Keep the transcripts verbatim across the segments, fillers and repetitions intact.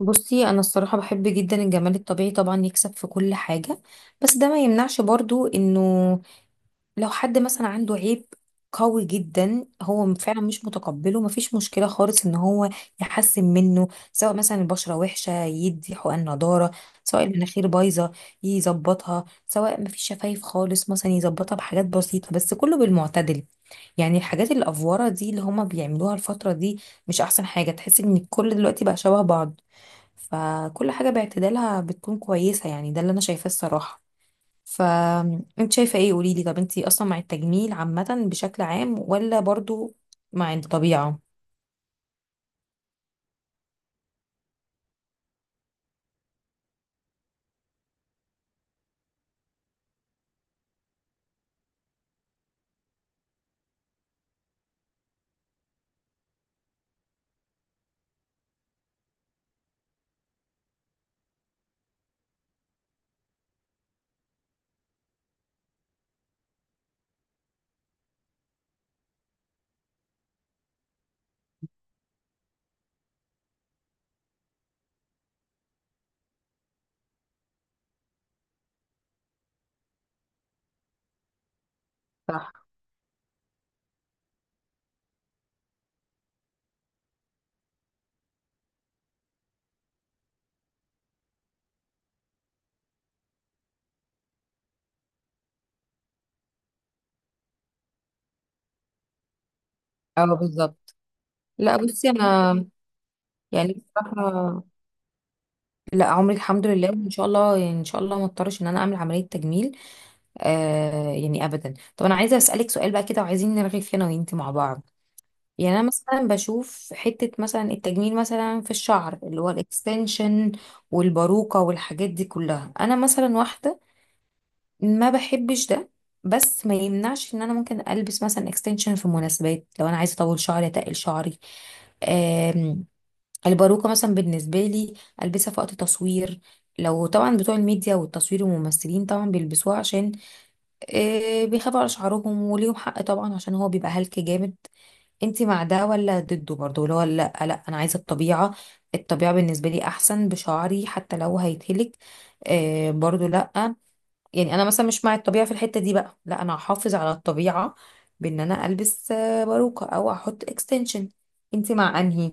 بصي، انا الصراحه بحب جدا الجمال الطبيعي، طبعا يكسب في كل حاجه. بس ده ما يمنعش برضو انه لو حد مثلا عنده عيب قوي جدا هو فعلا مش متقبله، مفيش مشكله خالص ان هو يحسن منه. سواء مثلا البشره وحشه يدي حقن نضاره، سواء المناخير بايظه يظبطها، سواء مفيش شفايف خالص مثلا يظبطها بحاجات بسيطه، بس كله بالمعتدل. يعني الحاجات الافوره دي اللي هما بيعملوها الفتره دي مش احسن حاجه، تحس ان الكل دلوقتي بقى شبه بعض. فكل حاجة باعتدالها بتكون كويسة، يعني ده اللي أنا شايفاه الصراحة. فأنت شايفة إيه؟ قوليلي، طب أنت أصلا مع التجميل عامة بشكل عام ولا برضو مع الطبيعة؟ صح. اه، بالظبط. لا بصي، انا يعني بصراحه لا، عمري الحمد لله ان شاء الله، يعني ان شاء الله ما اضطرش ان انا اعمل عمليه تجميل. آه، يعني ابدا. طب انا عايزه اسالك سؤال بقى كده، وعايزين نرغي فيه انا وانت مع بعض. يعني انا مثلا بشوف حتة مثلا التجميل مثلا في الشعر اللي هو الاكستنشن والباروكة والحاجات دي كلها، انا مثلا واحدة ما بحبش ده. بس ما يمنعش ان انا ممكن البس مثلا اكستنشن في مناسبات لو انا عايزة اطول شعري، اتقل شعري. آم، الباروكة مثلا بالنسبة لي البسها في وقت تصوير، لو طبعا بتوع الميديا والتصوير والممثلين طبعا بيلبسوها عشان آه، بيخافوا على شعرهم، وليهم حق طبعا عشان هو بيبقى هلك جامد. انت مع ده ولا ضده برضه؟ اللي هو لا لا، انا عايزه الطبيعه. الطبيعه بالنسبه لي احسن بشعري حتى لو هيتهلك. آه، برضه لا. يعني انا مثلا مش مع الطبيعه في الحته دي، بقى لا انا هحافظ على الطبيعه بان انا البس آه، باروكه او احط اكستنشن. انت مع انهي؟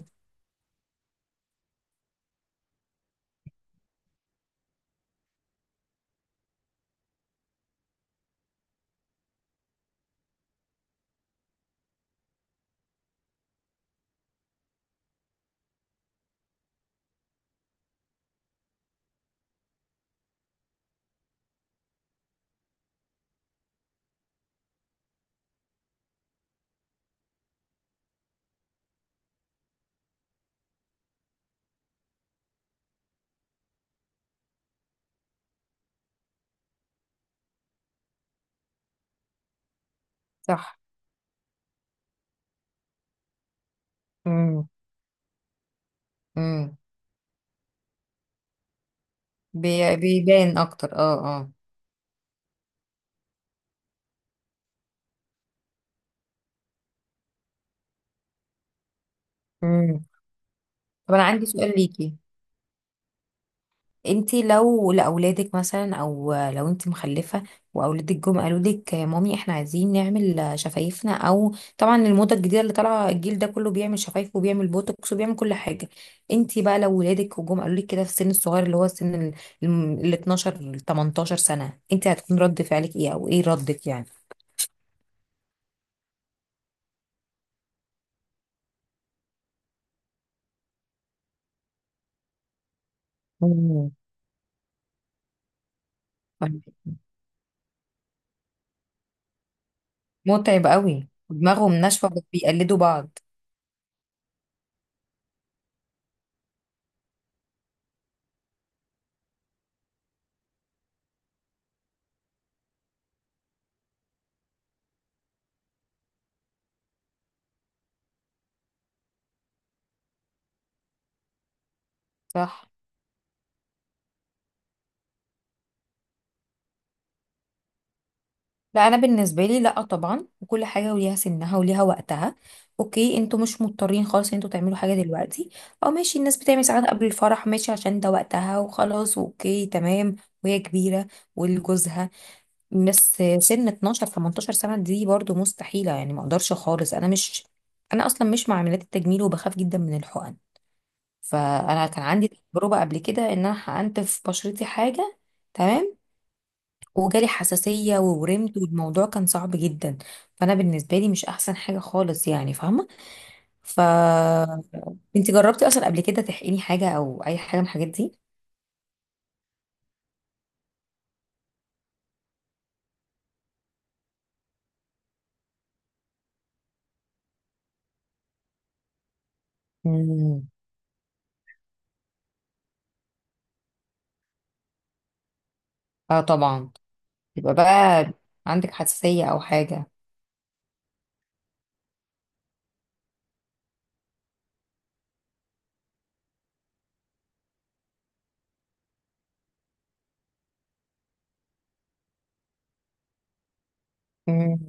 صح. امم. امم. بي- بيبان اكتر، اه اه. امم. طب انا عندي سؤال ليكي. انتي لو لاولادك مثلا، او لو انتي مخلفه واولادك جم قالوا لك: يا مامي، احنا عايزين نعمل شفايفنا، او طبعا الموضه الجديده اللي طالعه الجيل ده كله بيعمل شفايف وبيعمل بوتوكس وبيعمل كل حاجه. انتي بقى لو ولادك وجم قالوا لك كده في السن الصغير، اللي هو السن ال ال- اثنا عشر ل تمنتاشر سنه، انتي هتكون رد فعلك ايه او ايه ردك يعني؟ مم. متعب قوي، دماغهم ناشفه بس بيقلدوا بعض. صح. لا، انا بالنسبه لي لا طبعا، وكل حاجه وليها سنها وليها وقتها. اوكي، انتوا مش مضطرين خالص ان انتوا تعملوا حاجه دلوقتي، او ماشي الناس بتعمل ساعات قبل الفرح، ماشي عشان ده وقتها وخلاص، اوكي تمام، وهي كبيره ولجوزها. الناس سن اتناشر تمنتاشر سنه دي برضو مستحيله، يعني ما اقدرش خالص. انا مش انا اصلا مش مع عمليات التجميل، وبخاف جدا من الحقن. فانا كان عندي تجربه قبل كده ان انا حقنت في بشرتي حاجه. تمام. وجالي حساسية وورمت، والموضوع كان صعب جدا. فأنا بالنسبة لي مش أحسن حاجة خالص، يعني فاهمة؟ ف انت جربتي أصلا قبل كده تحقني حاجة أو أي حاجة من الحاجات دي؟ مم. اه، طبعا. يبقى بقى عندك حساسية أو حاجة؟ مم.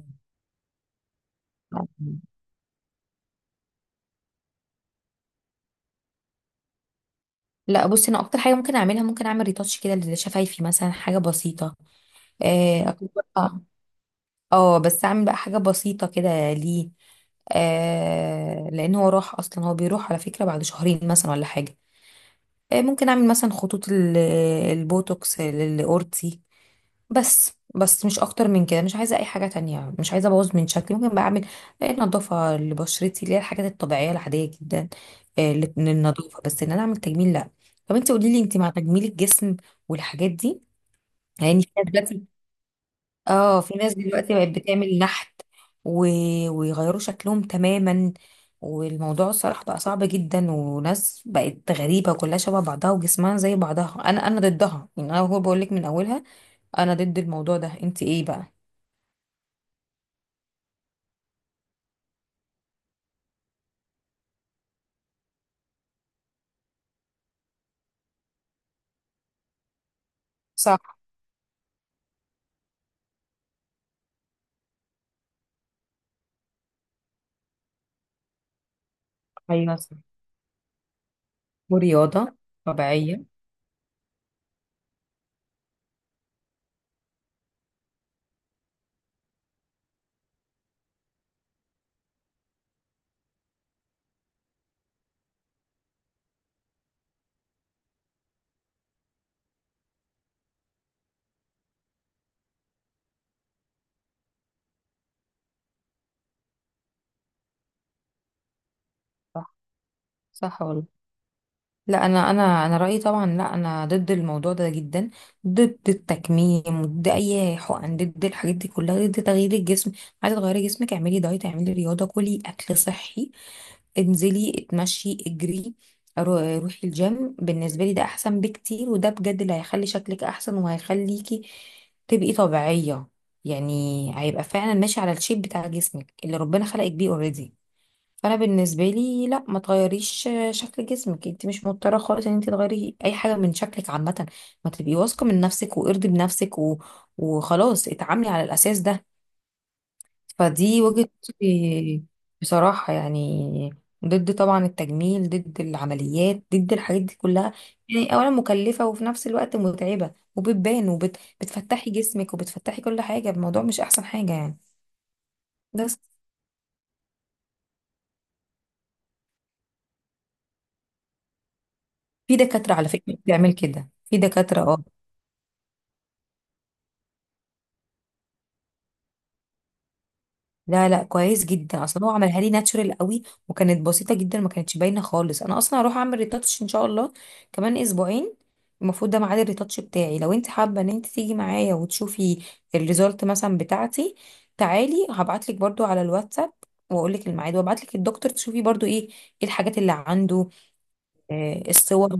لا بصي، أنا أكتر حاجة ممكن أعملها، ممكن أعمل ريتاتش كده لشفايفي مثلا، حاجة بسيطة. آه. اه، بس اعمل بقى حاجة بسيطة كده، ليه؟ آه، لان هو راح اصلا، هو بيروح على فكرة بعد شهرين مثلا ولا حاجة. آه، ممكن اعمل مثلا خطوط ال- البوتوكس للاورتي. بس بس مش اكتر من كده، مش عايزة اي حاجة تانية، مش عايزة ابوظ من شكلي. ممكن بقى اعمل آه، نظافة لبشرتي، اللي هي الحاجات الطبيعية العادية جدا، آه لل- للنظافة. بس ان انا اعمل تجميل، لا. طب انت قولي لي، انت مع تجميل الجسم والحاجات دي؟ يعني في ناس، اه في ناس دلوقتي بقت بتعمل نحت و... ويغيروا شكلهم تماما، والموضوع الصراحة بقى صعب جدا، وناس بقت غريبة كلها شبه بعضها وجسمها زي بعضها. انا انا ضدها، يعني انا هو بقول لك من اولها، انا ضد الموضوع ده. انت ايه بقى؟ صح. ايوه صح. ورياضة طبيعية. صح، صح والله. لا، انا انا انا رايي طبعا لا، انا ضد الموضوع ده جدا، ضد التكميم، ضد اي حقن، ضد الحاجات دي كلها، ضد تغيير الجسم. عايزه تغيري جسمك؟ اعملي دايت، اعملي رياضه، كلي اكل صحي، انزلي اتمشي اجري. رو- روحي الجيم. بالنسبه لي ده احسن بكتير، وده بجد اللي هيخلي شكلك احسن وهيخليكي تبقي طبيعيه. يعني هيبقى فعلا ماشي على الشيب بتاع جسمك اللي ربنا خلقك بيه اوريدي. فانا بالنسبه لي لا، ما تغيريش شكل جسمك، انت مش مضطره خالص ان انت تغيري اي حاجه من شكلك عامه. ما تبقي واثقه من نفسك وارضي بنفسك، و... وخلاص اتعاملي على الاساس ده. فدي وجهه نظري بصراحه يعني، ضد طبعا التجميل، ضد العمليات، ضد الحاجات دي كلها. يعني اولا مكلفه، وفي نفس الوقت متعبه، وبتبان وبتفتحي جسمك وبتفتحي كل حاجه. الموضوع مش احسن حاجه يعني. بس في دكاتره على فكره بتعمل كده، في دكاتره آه. لا لا، كويس جدا، اصلا هو عملها لي ناتشورال قوي، وكانت بسيطه جدا ما كانتش باينه خالص. انا اصلا هروح اعمل ريتاتش ان شاء الله كمان اسبوعين. المفروض ده ميعاد الريتاتش بتاعي، لو انت حابه ان انت تيجي معايا وتشوفي الريزلت مثلا بتاعتي. تعالي، هبعت لك برده على الواتساب واقول لك الميعاد، وابعت لك الدكتور تشوفي برضو ايه ايه الحاجات اللي عنده. آه، الصور.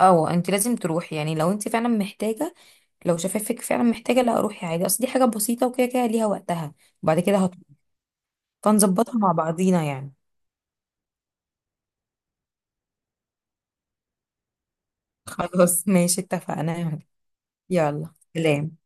اه، انت لازم تروحي يعني لو انت فعلا محتاجه، لو شفافك فعلا محتاجه، لا روحي عادي، اصل دي حاجه بسيطه وكده كده ليها وقتها، وبعد كده فنظبطها مع بعضينا يعني. خلاص، ماشي، اتفقنا. يلا سلام.